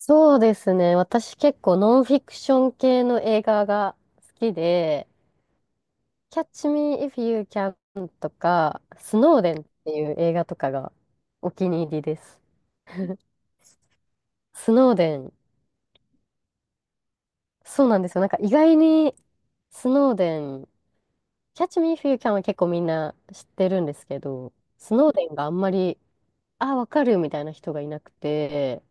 そうですね。私結構ノンフィクション系の映画が好きで、Catch Me If You Can とか、スノーデンっていう映画とかがお気に入りです。スノーデン、そうなんですよ。なんか意外にスノーデン、Catch Me If You Can は結構みんな知ってるんですけど、スノーデンがあんまり、あ、わかるみたいな人がいなくて、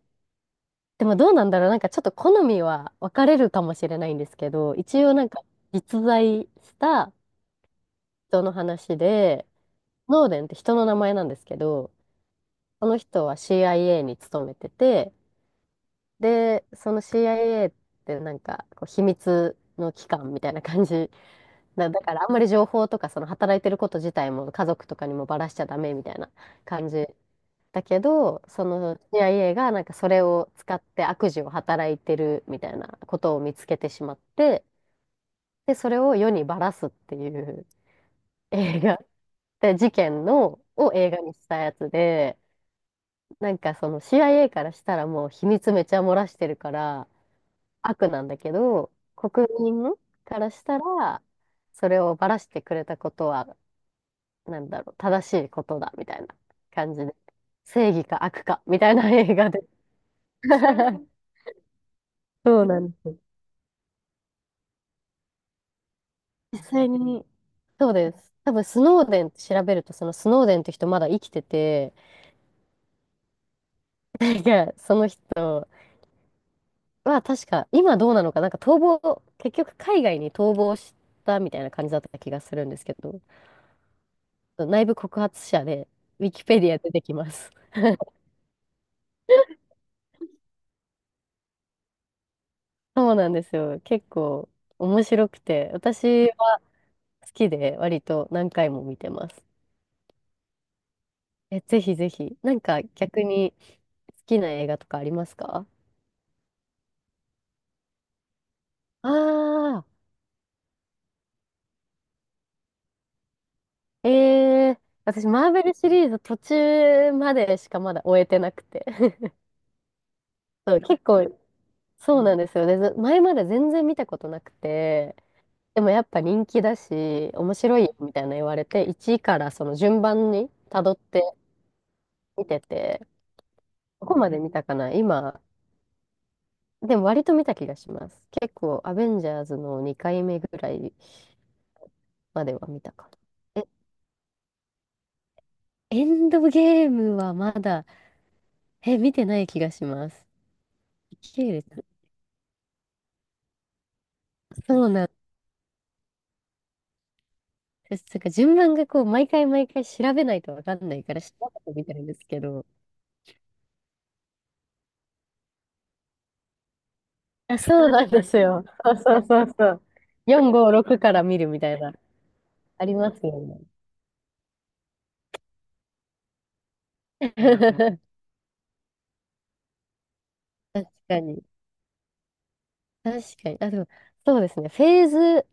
でもどうなんだろう。なんかちょっと好みは分かれるかもしれないんですけど、一応なんか実在した人の話で、ノーデンって人の名前なんですけど、この人は CIA に勤めてて、で、その CIA ってなんかこう秘密の機関みたいな感じな、だからあんまり情報とかその働いてること自体も家族とかにもばらしちゃダメみたいな感じだけど、その CIA がなんかそれを使って悪事を働いてるみたいなことを見つけてしまって、で、それを世にばらすっていう映画で、事件の、を映画にしたやつで、なんかその CIA からしたらもう秘密めちゃ漏らしてるから悪なんだけど、国民からしたら、それをばらしてくれたことは、なんだろう、正しいことだ、みたいな感じで。正義か悪か、みたいな映画で。そうなんです。実際に、そうです。多分、スノーデンって調べると、そのスノーデンって人まだ生きてて、なんか、その人は確か、今どうなのか、なんか逃亡、結局海外に逃亡したみたいな感じだった気がするんですけど、内部告発者で、ウィキペディア出てきます。そうなんですよ。結構面白くて、私は好きで割と何回も見てます。え、ぜひぜひ。なんか逆に好きな映画とかありますか？ああー、えー、私マーベルシリーズ途中までしかまだ終えてなくて。そう、結構そうなんですよ。で、ず前まで全然見たことなくて、でもやっぱ人気だし、面白いよみたいな言われて、1位からその順番に辿って見てて、どこまで見たかな今、でも割と見た気がします。結構、アベンジャーズの2回目ぐらいまでは見たかな。え、エンドゲームはまだ、え、見てない気がします。時系列そうなんです。なんか順番がこう、毎回毎回調べないとわかんないから、調べてみたいんですけど、あ、そうなんですよ。そうそうそうそう。4、5、6から見るみたいな、ありますよね。確かに。確かに。あ、でも、そうですね。フェーズ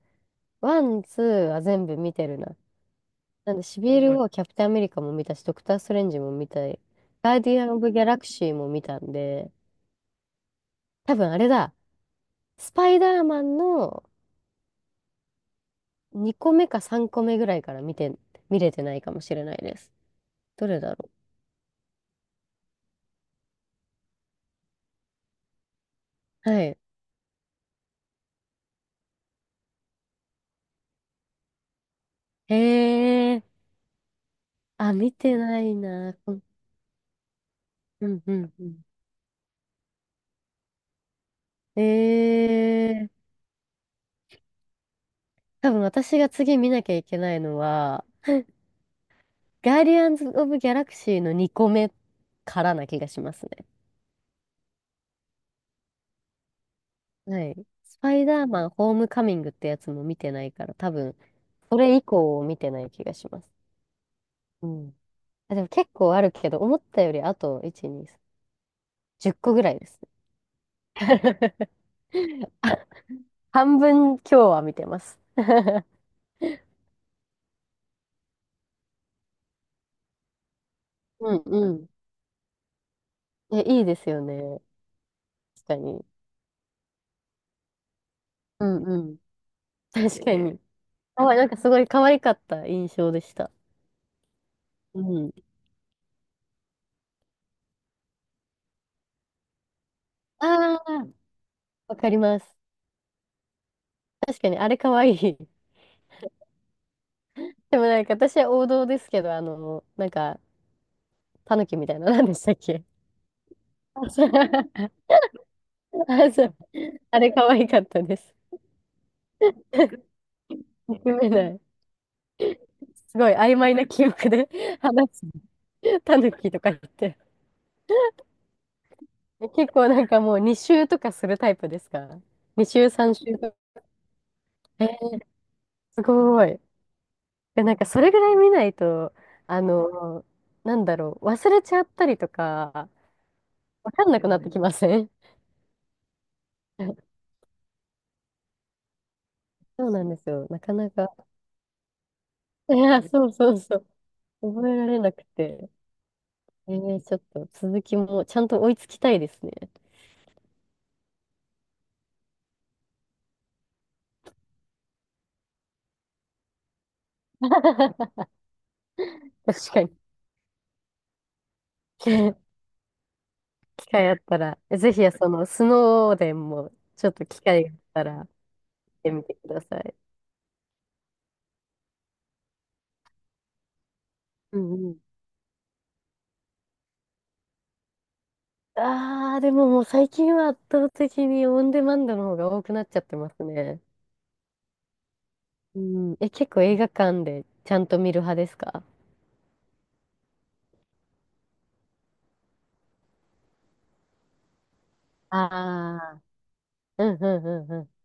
1、2は全部見てるな。なんで、シビルはキャプテンアメリカも見たし、ドクター・ストレンジも見たい。ガーディアン・オブ・ギャラクシーも見たんで、多分あれだ、スパイダーマンの2個目か3個目ぐらいから見て、見れてないかもしれないです。どれだろう。はい。へえ。あ、見てないな。うんうんうん。えー、多分私が次見なきゃいけないのは、ガーディアンズ・オブ・ギャラクシーの2個目からな気がしますね。はい。スパイダーマン・ホームカミングってやつも見てないから、多分、それ以降を見てない気がします。うん。あ、でも結構あるけど、思ったよりあと、1、2、3、0個ぐらいですね。あ、半分今日は見てます。うんうん。え、いいですよね。確かに。うんうん。確かに。可愛いい、なんかすごい可愛かった印象でした。うん。ああ、わかります。確かに、あれ可愛い。でもなんか私は王道ですけど、なんか、タヌキみたいな、何でしたっけ？あ、そう。あ、そう。あれ可愛かったです。憎めない。すごい曖昧な記憶で 話す。タヌキとか言って。結構なんかもう2周とかするタイプですか？ 2 周、3周とか。えー、すごい。や、なんかそれぐらい見ないと、あの、なんだろう、忘れちゃったりとか、わかんなくなってきません？ そうなんですよ。なかなか。いや、そうそうそう。覚えられなくて。えー、ちょっと続きもちゃんと追いつきたいですね。確かに。機会あったら、ぜひ、その、スノーデンも、ちょっと機会があったら、行ってみてください。うんうん。ああ、でももう最近は圧倒的にオンデマンドの方が多くなっちゃってますね。うん、え、結構映画館でちゃんと見る派ですか？ああー、うんうんうんう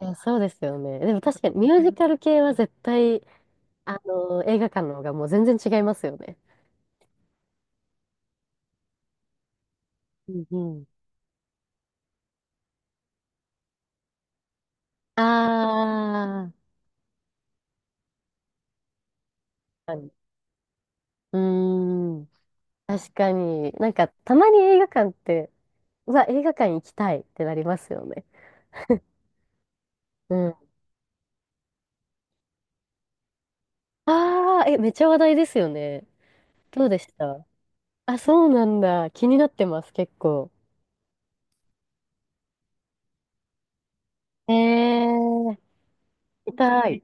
ん。いや、そうですよね。でも確かにミュージカル系は絶対、映画館の方がもう全然違いますよね。うんうん。ああ、確かに。うーん。確かに。なんか、たまに映画館って、うわ、映画館行きたいってなりますよね。うん。ああ、え、めっちゃ話題ですよね。どうでした？あ、そうなんだ。気になってます、結構。えー、行きたい。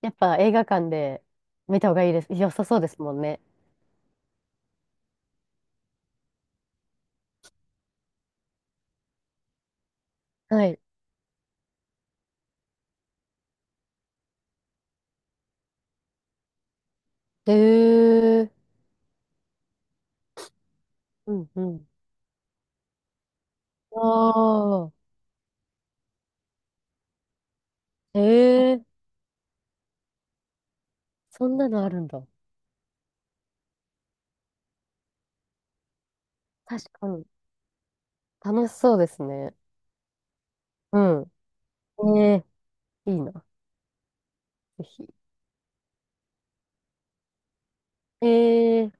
やっぱ映画館で見た方がいいです。良さそうですもんね。はい。で、うんうん。ああ、ええ、そんなのあるんだ。確かに。楽しそうですね。うん。ええ、いいな。ぜひ。ええ、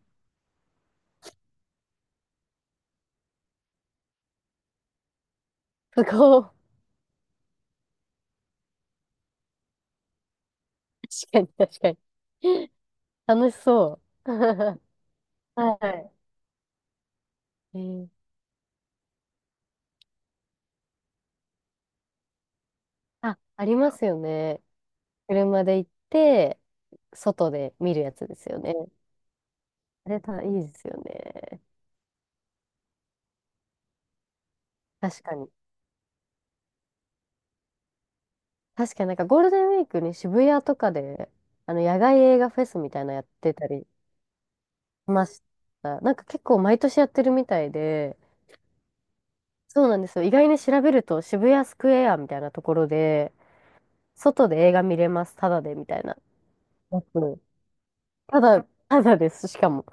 すごい。確かに、確かに。楽しそう。はい。えー、あ、ありますよね。車で行って、外で見るやつですよね。あれた、いいですよね。確かに。確かになんかゴールデンウィークに渋谷とかで、野外映画フェスみたいなのやってたりしました。なんか結構毎年やってるみたいで、そうなんですよ。意外に調べると渋谷スクエアみたいなところで、外で映画見れます、ただでみたいなやつ。ただ、ただです、しかも。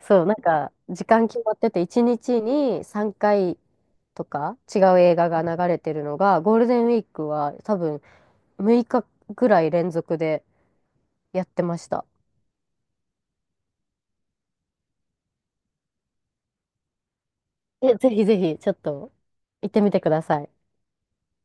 そう、なんか時間決まってて、1日に3回とか違う映画が流れてるのが、ゴールデンウィークは多分6日ぐらい連続でやってました。え、ぜひぜひ、ちょっと、行ってみてください。